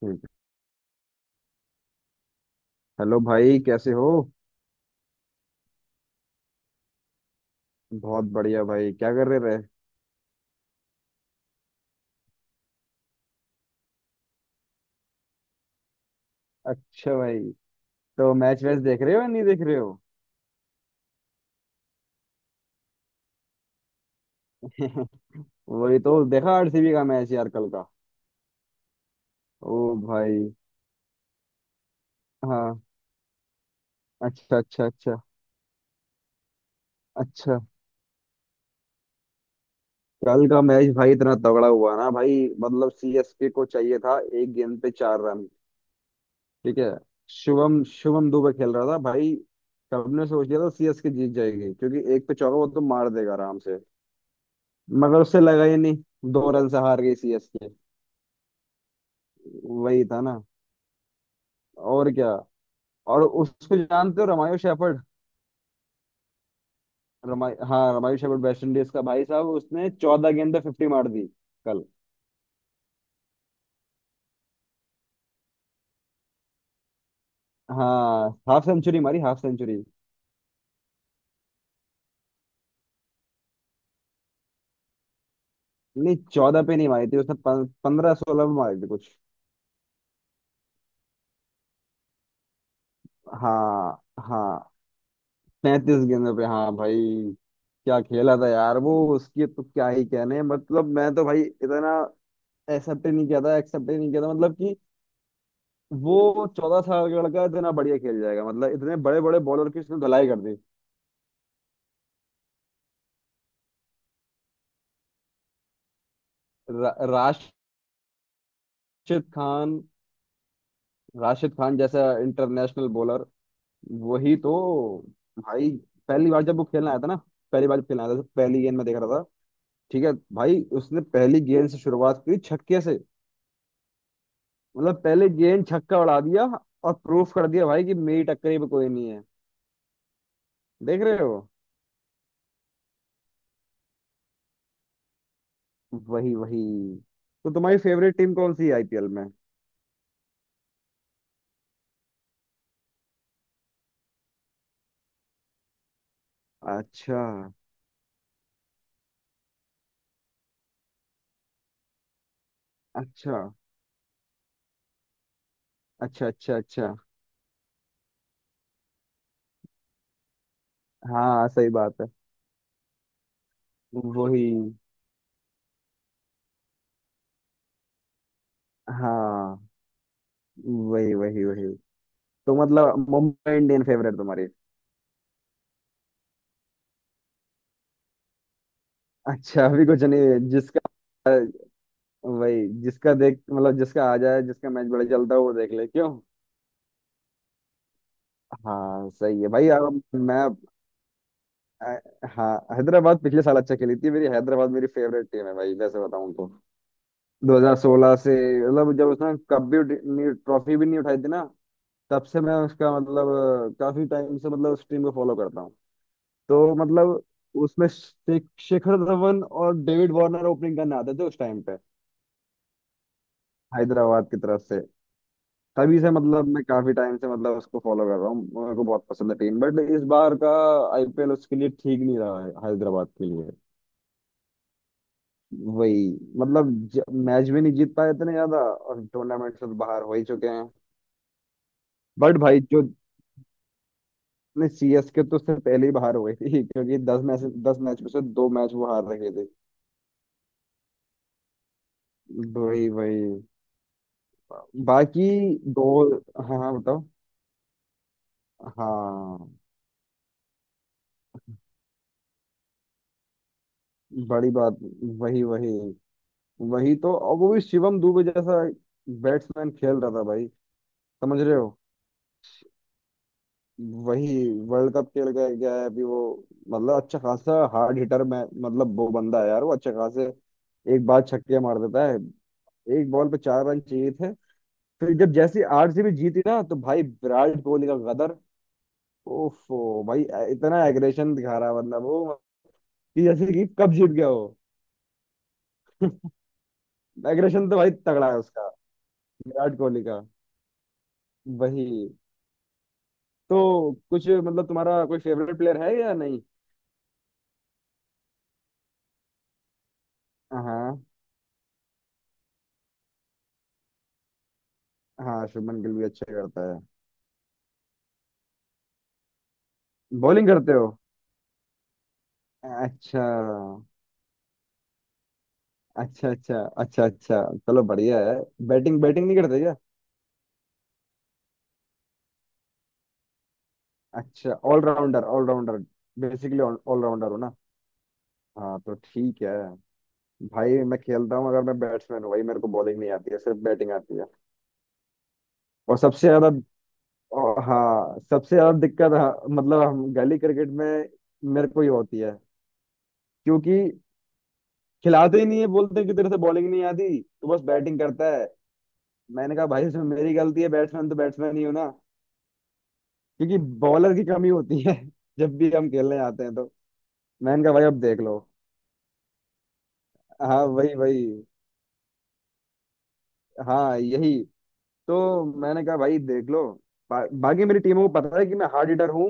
ठीक है। हेलो भाई, कैसे हो। बहुत बढ़िया भाई। क्या कर रहे रहे। अच्छा भाई। तो मैच वैच देख रहे हो या नहीं देख रहे हो। वही तो। देखा आरसीबी का मैच यार, कल का। ओ भाई। हाँ। अच्छा अच्छा अच्छा अच्छा। कल का मैच भाई इतना तगड़ा हुआ ना भाई, मतलब सीएसके को चाहिए था 1 गेंद पे 4 रन। ठीक है। शुभम शुभम दुबे खेल रहा था भाई। सबने सोच लिया था सीएसके जीत जाएगी क्योंकि एक पे चौका वो तो मार देगा आराम से। मगर उससे लगा ही नहीं। 2 रन से हार गई सीएसके। वही था ना। और क्या। और उसको जानते हो, रमायो शेफर्ड। रमाई हाँ, रमायो शेफर्ड वेस्ट इंडीज का, भाई साहब उसने 14 गेंद पे 50 मार दी। कल। हाँ हाफ सेंचुरी मारी, हाफ सेंचुरी। नहीं चौदह पे नहीं मारी थी, उसने 15, 16 पे मारी थी कुछ। हाँ हाँ 35 गेंदों पे हाँ भाई। क्या खेला था यार वो, उसकी तो क्या ही कहने, मतलब मैं तो भाई इतना एक्सेप्ट ही नहीं किया था, एक्सेप्ट ही नहीं किया था, मतलब। वो 14 साल का लड़का इतना बढ़िया खेल जाएगा, मतलब इतने बड़े बड़े बॉलर की उसने धुलाई कर दी। राशिद खान, राशिद खान जैसा इंटरनेशनल बॉलर। वही तो भाई। पहली बार जब वो खेलने आया था ना, पहली बार जब खेलने आया था तो पहली गेंद में देख रहा था। ठीक है भाई, उसने पहली गेंद से शुरुआत की छक्के से। मतलब पहले गेंद छक्का उड़ा दिया। और प्रूफ कर दिया भाई कि मेरी टक्करी में कोई नहीं है। देख रहे हो। वही वही। तो तुम्हारी फेवरेट टीम कौन सी है आईपीएल में। अच्छा अच्छा अच्छा अच्छा अच्छा। हाँ सही बात है। वही। हाँ वही वही वही। तो मतलब मुंबई इंडियन फेवरेट तुम्हारी। अच्छा अभी कुछ नहीं जिसका। वही जिसका देख, मतलब जिसका आ जाए, जिसका मैच बड़ा चलता हो वो देख ले क्यों। हाँ सही है भाई, अब मैं। अ, हाँ हैदराबाद पिछले साल अच्छा खेली थी। मेरी हैदराबाद मेरी फेवरेट टीम है भाई, वैसे बताऊं तो 2016 से, मतलब जब उसने कप भी ट्रॉफी भी नहीं उठाई थी ना। तब से मैं उसका मतलब काफी टाइम से मतलब उस टीम को फॉलो करता। तो मतलब उसमें शेखर धवन और डेविड वार्नर ओपनिंग करने आते थे उस टाइम पे, हैदराबाद की तरफ से। तभी से मतलब मैं काफी टाइम से मतलब उसको फॉलो कर रहा हूँ, मेरे को बहुत पसंद है टीम, बट इस बार का आईपीएल उसके लिए ठीक नहीं रहा है, हैदराबाद के लिए। वही। मतलब मैच भी नहीं जीत पाए इतने ज्यादा और टूर्नामेंट से तो बाहर हो ही चुके हैं। बट भाई जो ने सीएसके तो उससे पहले ही बाहर हो गई थी क्योंकि 10 मैच में से 2 मैच वो हार रहे थे। वही वही। बाकी। दो। हाँ हाँ बताओ। हाँ। बड़ी बात। वही वही वही तो। और वो भी शिवम दुबे जैसा बैट्समैन खेल रहा था भाई। समझ रहे हो। वही। वर्ल्ड कप खेल के गया है अभी वो। मतलब अच्छा खासा हार्ड हिटर में, मतलब वो बंदा है यार, वो अच्छे खासे एक बार छक्के मार देता है। 1 बॉल पे 4 रन चाहिए थे। फिर जब जैसे आरसीबी जीती ना तो भाई विराट कोहली का गदर। ओफो भाई। इतना एग्रेशन दिखा रहा है, मतलब वो, कि जैसे कि कब जीत गया वो। एग्रेशन तो भाई तगड़ा है उसका, विराट कोहली का। वही। तो कुछ मतलब तुम्हारा कोई फेवरेट प्लेयर है या नहीं। हाँ हाँ, शुभमन गिल भी अच्छा करता है। बॉलिंग करते हो। अच्छा अच्छा अच्छा अच्छा अच्छा। चलो बढ़िया है। बैटिंग बैटिंग नहीं करते क्या। अच्छा, ऑलराउंडर ऑलराउंडर। बेसिकली ऑलराउंडर हो ना। हाँ तो ठीक है भाई, मैं खेलता हूँ। अगर मैं बैट्समैन हूँ भाई, मेरे को बॉलिंग नहीं आती है, सिर्फ बैटिंग आती है। और सबसे ज्यादा, और हाँ सबसे ज्यादा दिक्कत, हाँ, मतलब हम गली क्रिकेट में मेरे को ये होती है। क्योंकि खिलाते ही नहीं है, बोलते हैं कि तेरे से बॉलिंग नहीं आती तो बस बैटिंग करता है। मैंने कहा भाई इसमें मेरी गलती है, बैट्समैन तो बैट्समैन ही हो ना। क्योंकि बॉलर की कमी होती है जब भी हम खेलने आते हैं तो। मैंने कहा भाई अब देख लो। हाँ वही वही। हाँ यही। तो मैंने कहा भाई देख लो। बाकी मेरी टीमों को पता है कि मैं हार्ड हिटर हूँ,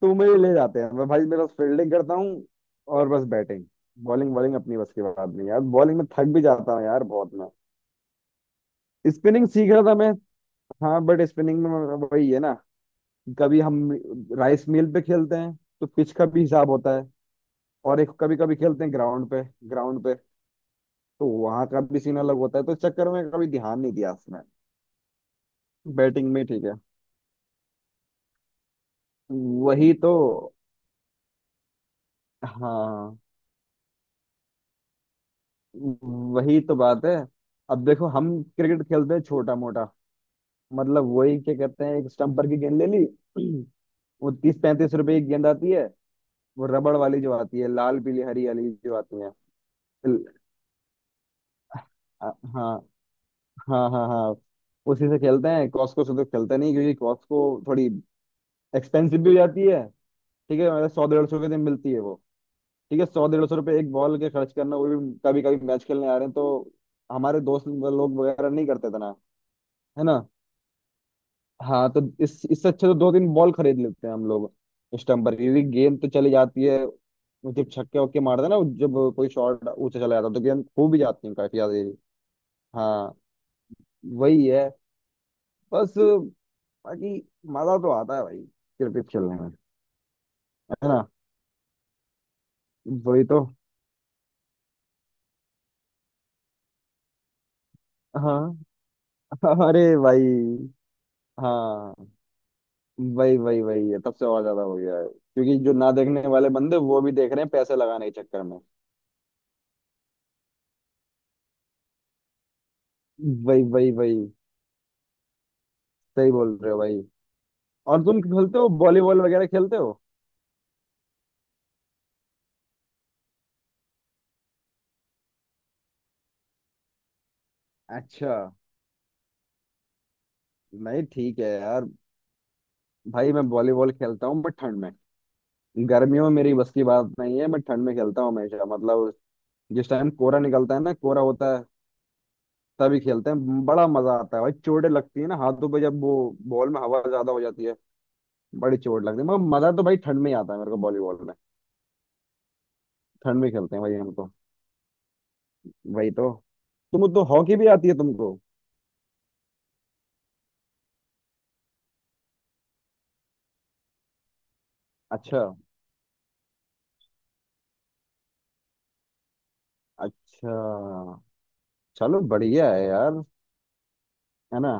तो मुझे ले जाते हैं। मैं भाई, मैं बस फील्डिंग करता हूँ और बस बैटिंग। बॉलिंग, बॉलिंग अपनी बस की बात नहीं यार, बॉलिंग में थक भी जाता हूँ यार बहुत मैं। स्पिनिंग सीख रहा था मैं, हाँ बट स्पिनिंग में वही है ना। कभी हम राइस मिल पे खेलते हैं तो पिच का भी हिसाब होता है। और एक कभी कभी खेलते हैं ग्राउंड पे, ग्राउंड पे तो वहां का भी सीन अलग होता है, तो इस चक्कर में कभी ध्यान नहीं दिया उसमें। बैटिंग में ठीक है। वही तो। हाँ वही तो बात है। अब देखो हम क्रिकेट खेलते हैं छोटा मोटा, मतलब वही क्या कहते हैं, एक स्टम्पर की गेंद ले ली वो 30-35 रुपए की गेंद आती है, वो रबड़ वाली जो आती है, लाल पीली हरी वाली जो आती है। ल- हाँ हाँ हाँ हाँ। उसी से खेलते हैं, कॉस्को से तो खेलते नहीं क्योंकि कॉस्को थोड़ी एक्सपेंसिव भी हो जाती है। ठीक है, मतलब 100-150 के दिन मिलती है वो। ठीक है, 100-150 रुपये 1 बॉल के खर्च करना, वो भी कभी कभी, मैच खेलने आ रहे हैं तो। हमारे दोस्त लोग वगैरह नहीं करते इतना। है ना। हाँ तो इस इससे अच्छा तो 2-3 बॉल खरीद लेते हैं हम लोग, स्टम्पर की। क्योंकि गेंद तो चली जाती है जब छक्के वक्के मारते हैं ना, जब कोई शॉट ऊंचा चला जाता है तो गेंद खो भी जाती है काफी ज्यादा ये। हाँ वही है। बस। बाकी मजा तो आता है भाई, क्रिकेट खेलने में। है ना। वही तो। हाँ। अरे भाई। हाँ वही वही वही है, तब से और ज्यादा हो गया है क्योंकि जो ना देखने वाले बंदे वो भी देख रहे हैं पैसे लगाने के चक्कर में। वही वही वही। सही बोल रहे हो भाई। और तुम खेलते हो वॉलीबॉल, वगैरह खेलते हो। अच्छा। नहीं ठीक है यार, भाई मैं वॉलीबॉल खेलता हूँ बट ठंड में, गर्मियों में मेरी बस की बात नहीं है। मैं ठंड में खेलता हूँ हमेशा, मतलब जिस टाइम कोहरा निकलता है ना, कोहरा होता है तभी खेलते हैं। बड़ा मजा आता है भाई। चोटें लगती है ना हाथों पे, जब वो बॉल में हवा ज्यादा हो जाती है, बड़ी चोट लगती है, मगर मजा तो भाई ठंड में ही आता है मेरे को, वॉलीबॉल में। ठंड में खेलते हैं भाई हम तो। वही तो। तुम तो हॉकी भी आती है तुमको। अच्छा अच्छा। चलो बढ़िया है यार। है ना।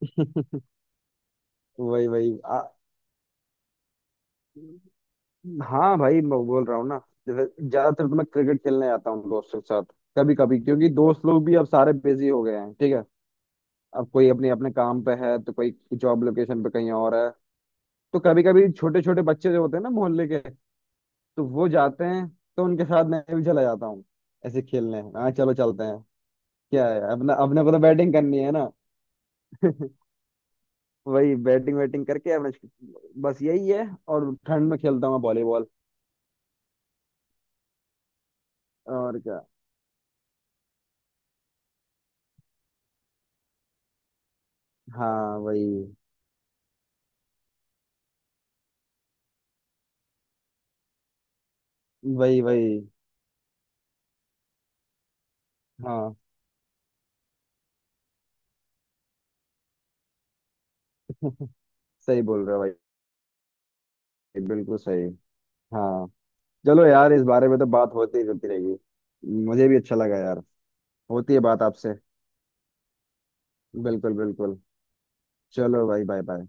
वही वही। हाँ भाई मैं बोल रहा हूँ ना, जैसे ज्यादातर तो मैं क्रिकेट खेलने जाता हूँ दोस्तों के साथ। कभी कभी क्योंकि दोस्त लोग भी अब सारे बिजी हो गए हैं। ठीक है। अब कोई अपने अपने काम पे है, तो कोई जॉब लोकेशन पे कहीं और है। तो कभी कभी छोटे छोटे बच्चे जो होते हैं ना मोहल्ले के, तो वो जाते हैं, तो उनके साथ मैं भी चला जाता हूँ, ऐसे खेलने। हाँ चलो चलते हैं। क्या है, अपना, अपने को तो बैटिंग करनी है ना। वही बैटिंग वैटिंग करके अपने, बस यही है। और ठंड में खेलता हूँ मैं वॉलीबॉल। और क्या। हाँ वही वही वही। हाँ सही बोल रहे हो भाई। बिल्कुल सही। हाँ। चलो यार, इस बारे में तो बात होती ही रहती रहेगी। मुझे भी अच्छा लगा यार। होती है बात आपसे। बिल्कुल बिल्कुल। चलो भाई, बाय बाय।